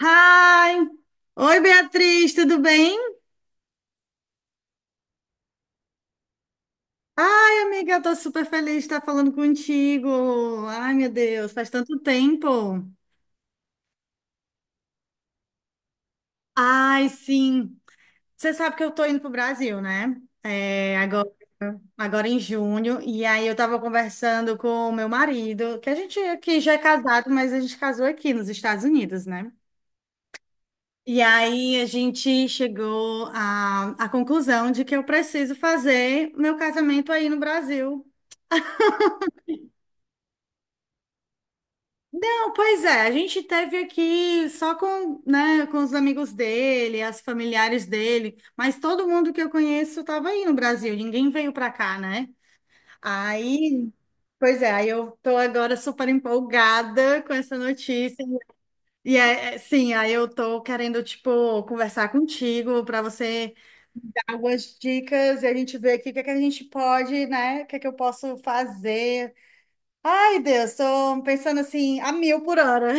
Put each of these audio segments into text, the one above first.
Hi! Oi, Beatriz, tudo bem? Ai, amiga, eu tô super feliz de estar falando contigo. Ai, meu Deus, faz tanto tempo. Ai, sim. Você sabe que eu tô indo pro Brasil, né? Agora em junho. E aí eu tava conversando com o meu marido, que a gente aqui já é casado, mas a gente casou aqui nos Estados Unidos, né? E aí a gente chegou à conclusão de que eu preciso fazer meu casamento aí no Brasil. Não, pois é, a gente teve aqui só com, né, com os amigos dele, as familiares dele, mas todo mundo que eu conheço estava aí no Brasil, ninguém veio para cá, né? Aí, pois é, aí eu tô agora super empolgada com essa notícia. E sim, aí eu tô querendo, tipo, conversar contigo para você dar algumas dicas e a gente ver aqui o que é que a gente pode, né? O que é que eu posso fazer. Ai, Deus, tô pensando assim, a mil por hora.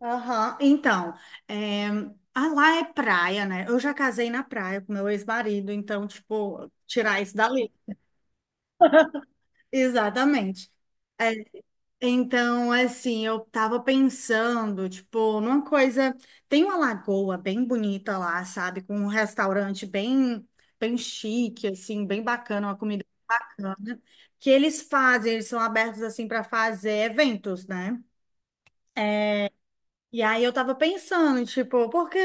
Aham. Então, é, ah, lá é praia, né? Eu já casei na praia com meu ex-marido, então, tipo, tirar isso dali. Exatamente. É, então, assim, eu tava pensando, tipo, numa coisa. Tem uma lagoa bem bonita lá, sabe? Com um restaurante bem, bem chique, assim, bem bacana, uma comida. Que eles fazem, eles são abertos, assim, para fazer eventos, né? E aí eu tava pensando, tipo, porque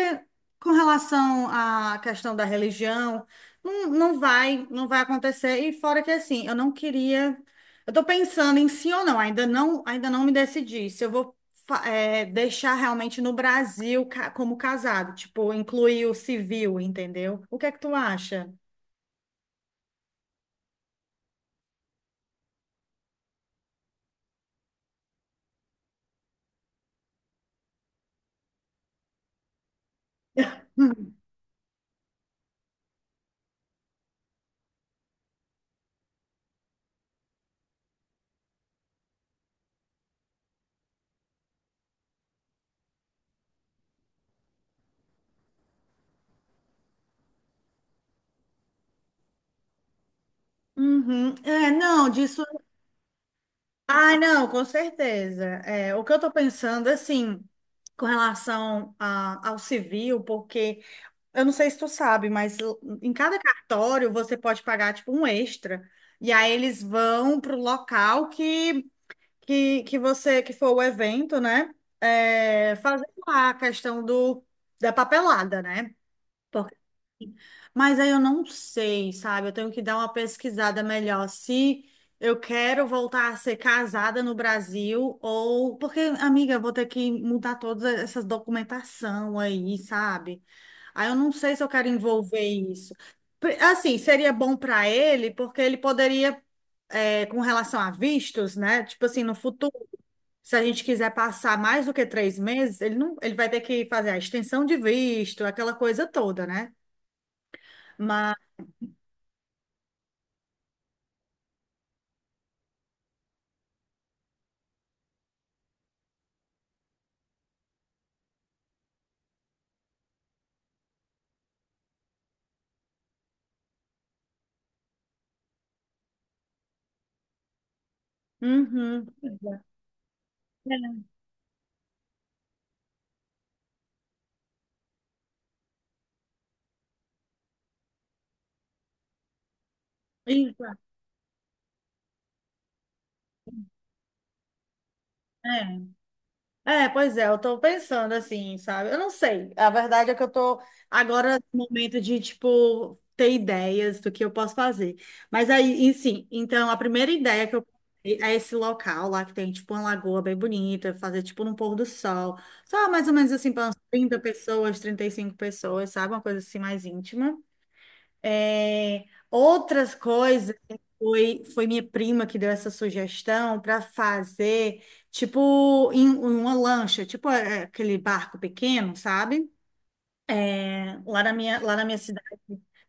com relação à questão da religião, não, não vai acontecer. E fora que assim, eu não queria. Eu tô pensando em sim ou não, ainda não me decidi se eu vou deixar realmente no Brasil como casado, tipo, incluir o civil, entendeu? O que é que tu acha? Uhum. É, não, disso. Ah, não, com certeza. É, o que eu estou pensando, assim, com relação ao civil, porque eu não sei se tu sabe, mas em cada cartório você pode pagar, tipo, um extra. E aí eles vão para o local que você, que for o evento, né? É, fazer lá a questão do, da papelada, né? Mas aí eu não sei, sabe? Eu tenho que dar uma pesquisada melhor se eu quero voltar a ser casada no Brasil ou porque, amiga, eu vou ter que mudar todas essas documentação aí, sabe? Aí eu não sei se eu quero envolver isso. Assim, seria bom para ele, porque ele poderia, com relação a vistos, né? Tipo assim, no futuro, se a gente quiser passar mais do que 3 meses, ele não, ele vai ter que fazer a extensão de visto, aquela coisa toda, né? Mas Uhum. Isso, é. É, pois é, eu tô pensando assim, sabe? Eu não sei. A verdade é que eu tô agora no momento de, tipo, ter ideias do que eu posso fazer. Mas aí, e sim, então a primeira ideia que eu pensei é esse local lá que tem, tipo, uma lagoa bem bonita, fazer, tipo, num pôr do sol. Só mais ou menos assim, para umas 30 pessoas, 35 pessoas, sabe? Uma coisa assim mais íntima. É, outras coisas né, foi minha prima que deu essa sugestão para fazer, tipo, em, uma lancha, tipo é, aquele barco pequeno, sabe? Lá na minha cidade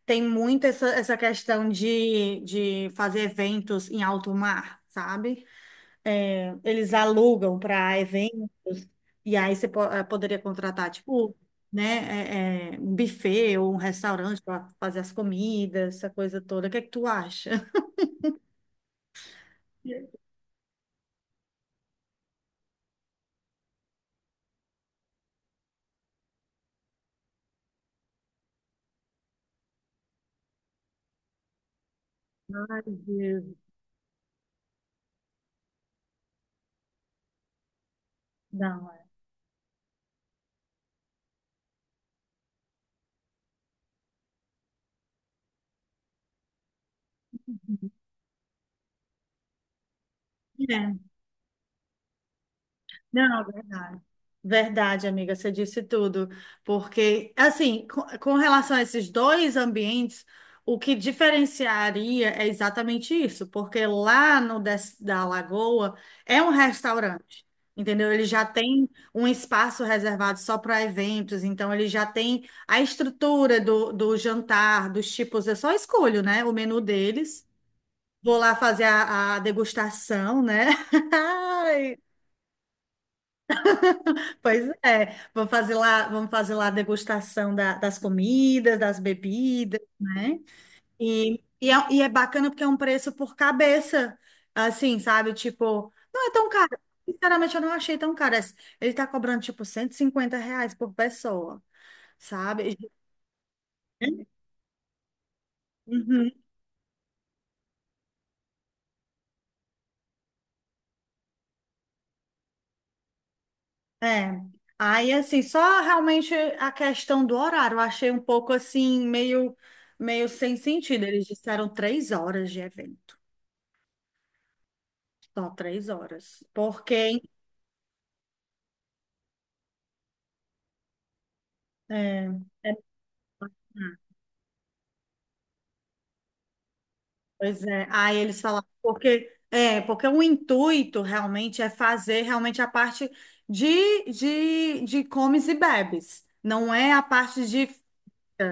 tem muito essa questão de fazer eventos em alto mar, sabe? Eles alugam para eventos, e aí você poderia contratar, tipo, né, um buffet ou um restaurante para fazer as comidas, essa coisa toda. O que é que tu acha? Ai, Deus. Não, é. Não, verdade. Verdade, amiga, você disse tudo. Porque, assim, com relação a esses dois ambientes, o que diferenciaria é exatamente isso, porque lá no da Lagoa é um restaurante, entendeu? Ele já tem um espaço reservado só para eventos, então ele já tem a estrutura do jantar, dos tipos, eu só escolho, né, o menu deles. Vou lá fazer a degustação, né? Pois é, vamos fazer lá a degustação das comidas, das bebidas, né? E é bacana porque é um preço por cabeça, assim, sabe? Tipo, não é tão caro. Sinceramente, eu não achei tão caro. Ele tá cobrando, tipo, R$ 150 por pessoa, sabe? Uhum, é. Aí, assim, só realmente a questão do horário, eu achei um pouco, assim, meio, meio sem sentido. Eles disseram 3 horas de evento. Só 3 horas. Porque, é, é, pois é, aí eles falaram, porque, porque o intuito realmente é fazer realmente a parte de comes e bebes. Não é a parte de.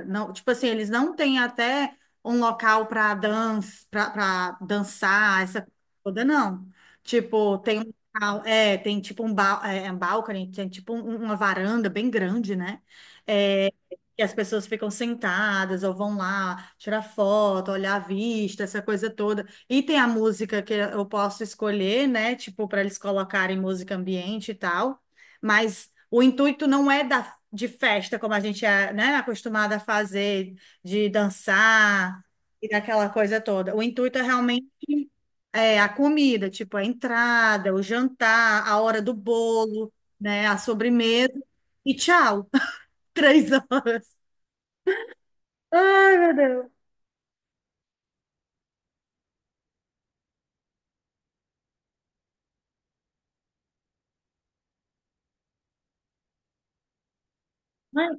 Não, tipo assim, eles não têm até um local para dança, para dançar, essa coisa toda, não. Tipo, tem um local, é, tem tipo um, ba é, é um balcony, tem tipo uma varanda bem grande, né? É, que as pessoas ficam sentadas ou vão lá tirar foto, olhar a vista, essa coisa toda. E tem a música que eu posso escolher, né? Tipo, para eles colocarem música ambiente e tal. Mas o intuito não é dar de festa, como a gente é, né, acostumada a fazer, de dançar e daquela coisa toda. O intuito é realmente a comida, tipo a entrada, o jantar, a hora do bolo, né, a sobremesa e tchau. 3 horas. Ai, meu Deus. Mas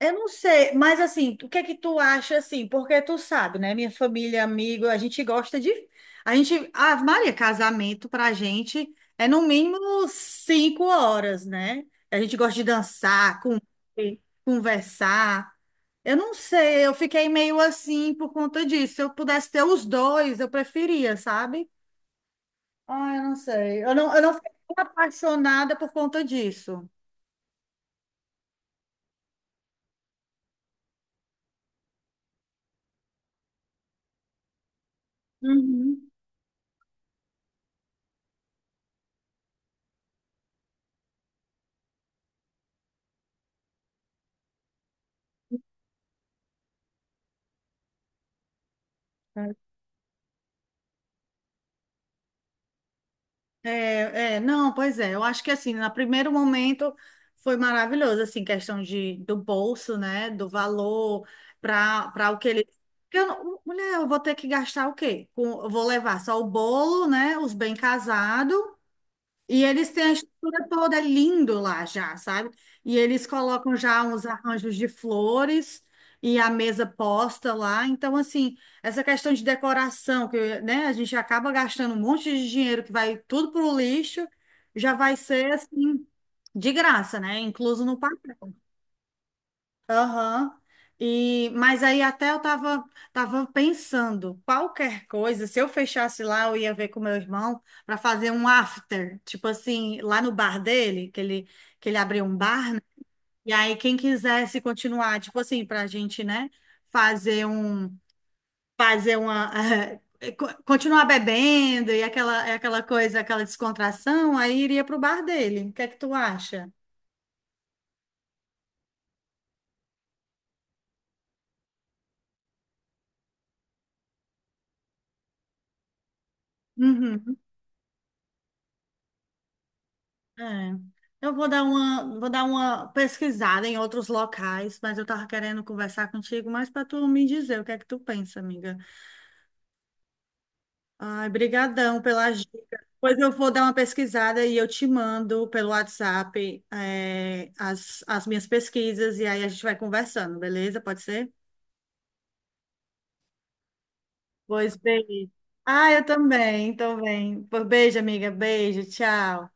eu não sei, mas assim, o que é que tu acha assim? Porque tu sabe, né? Minha família, amigo, a gente gosta de. A gente. Ah, Maria, casamento pra gente é no mínimo 5 horas, né? A gente gosta de dançar, conversar. Eu não sei, eu fiquei meio assim por conta disso. Se eu pudesse ter os dois, eu preferia, sabe? Ah, eu não sei. Eu não fiquei apaixonada por conta disso. Uhum. Não, pois é, eu acho que assim, no primeiro momento foi maravilhoso, assim, questão de, do bolso, né, do valor para o que ele... Porque eu, mulher, eu vou ter que gastar o quê? Eu vou levar só o bolo, né, os bem casados, e eles têm a estrutura toda é lindo lá já, sabe? E eles colocam já uns arranjos de flores e a mesa posta lá. Então, assim, essa questão de decoração, que, né, a gente acaba gastando um monte de dinheiro que vai tudo pro lixo, já vai ser, assim, de graça, né? Incluso no papel. Aham. E, mas aí até eu tava pensando, qualquer coisa, se eu fechasse lá, eu ia ver com meu irmão para fazer um after, tipo assim, lá no bar dele, que ele abriu um bar, né? E aí quem quisesse continuar, tipo assim, pra gente, né, fazer um, fazer uma, continuar bebendo e aquela coisa, aquela descontração, aí iria pro bar dele. O que é que tu acha? Uhum. É. Eu vou dar uma pesquisada em outros locais, mas eu tava querendo conversar contigo mais para tu me dizer o que é que tu pensa, amiga. Ai, brigadão pelas dicas. Pois eu vou dar uma pesquisada e eu te mando pelo WhatsApp, as minhas pesquisas e aí a gente vai conversando, beleza? Pode ser? Pois bem. Ah, eu também, tô bem. Pois Beijo, amiga. Beijo, tchau.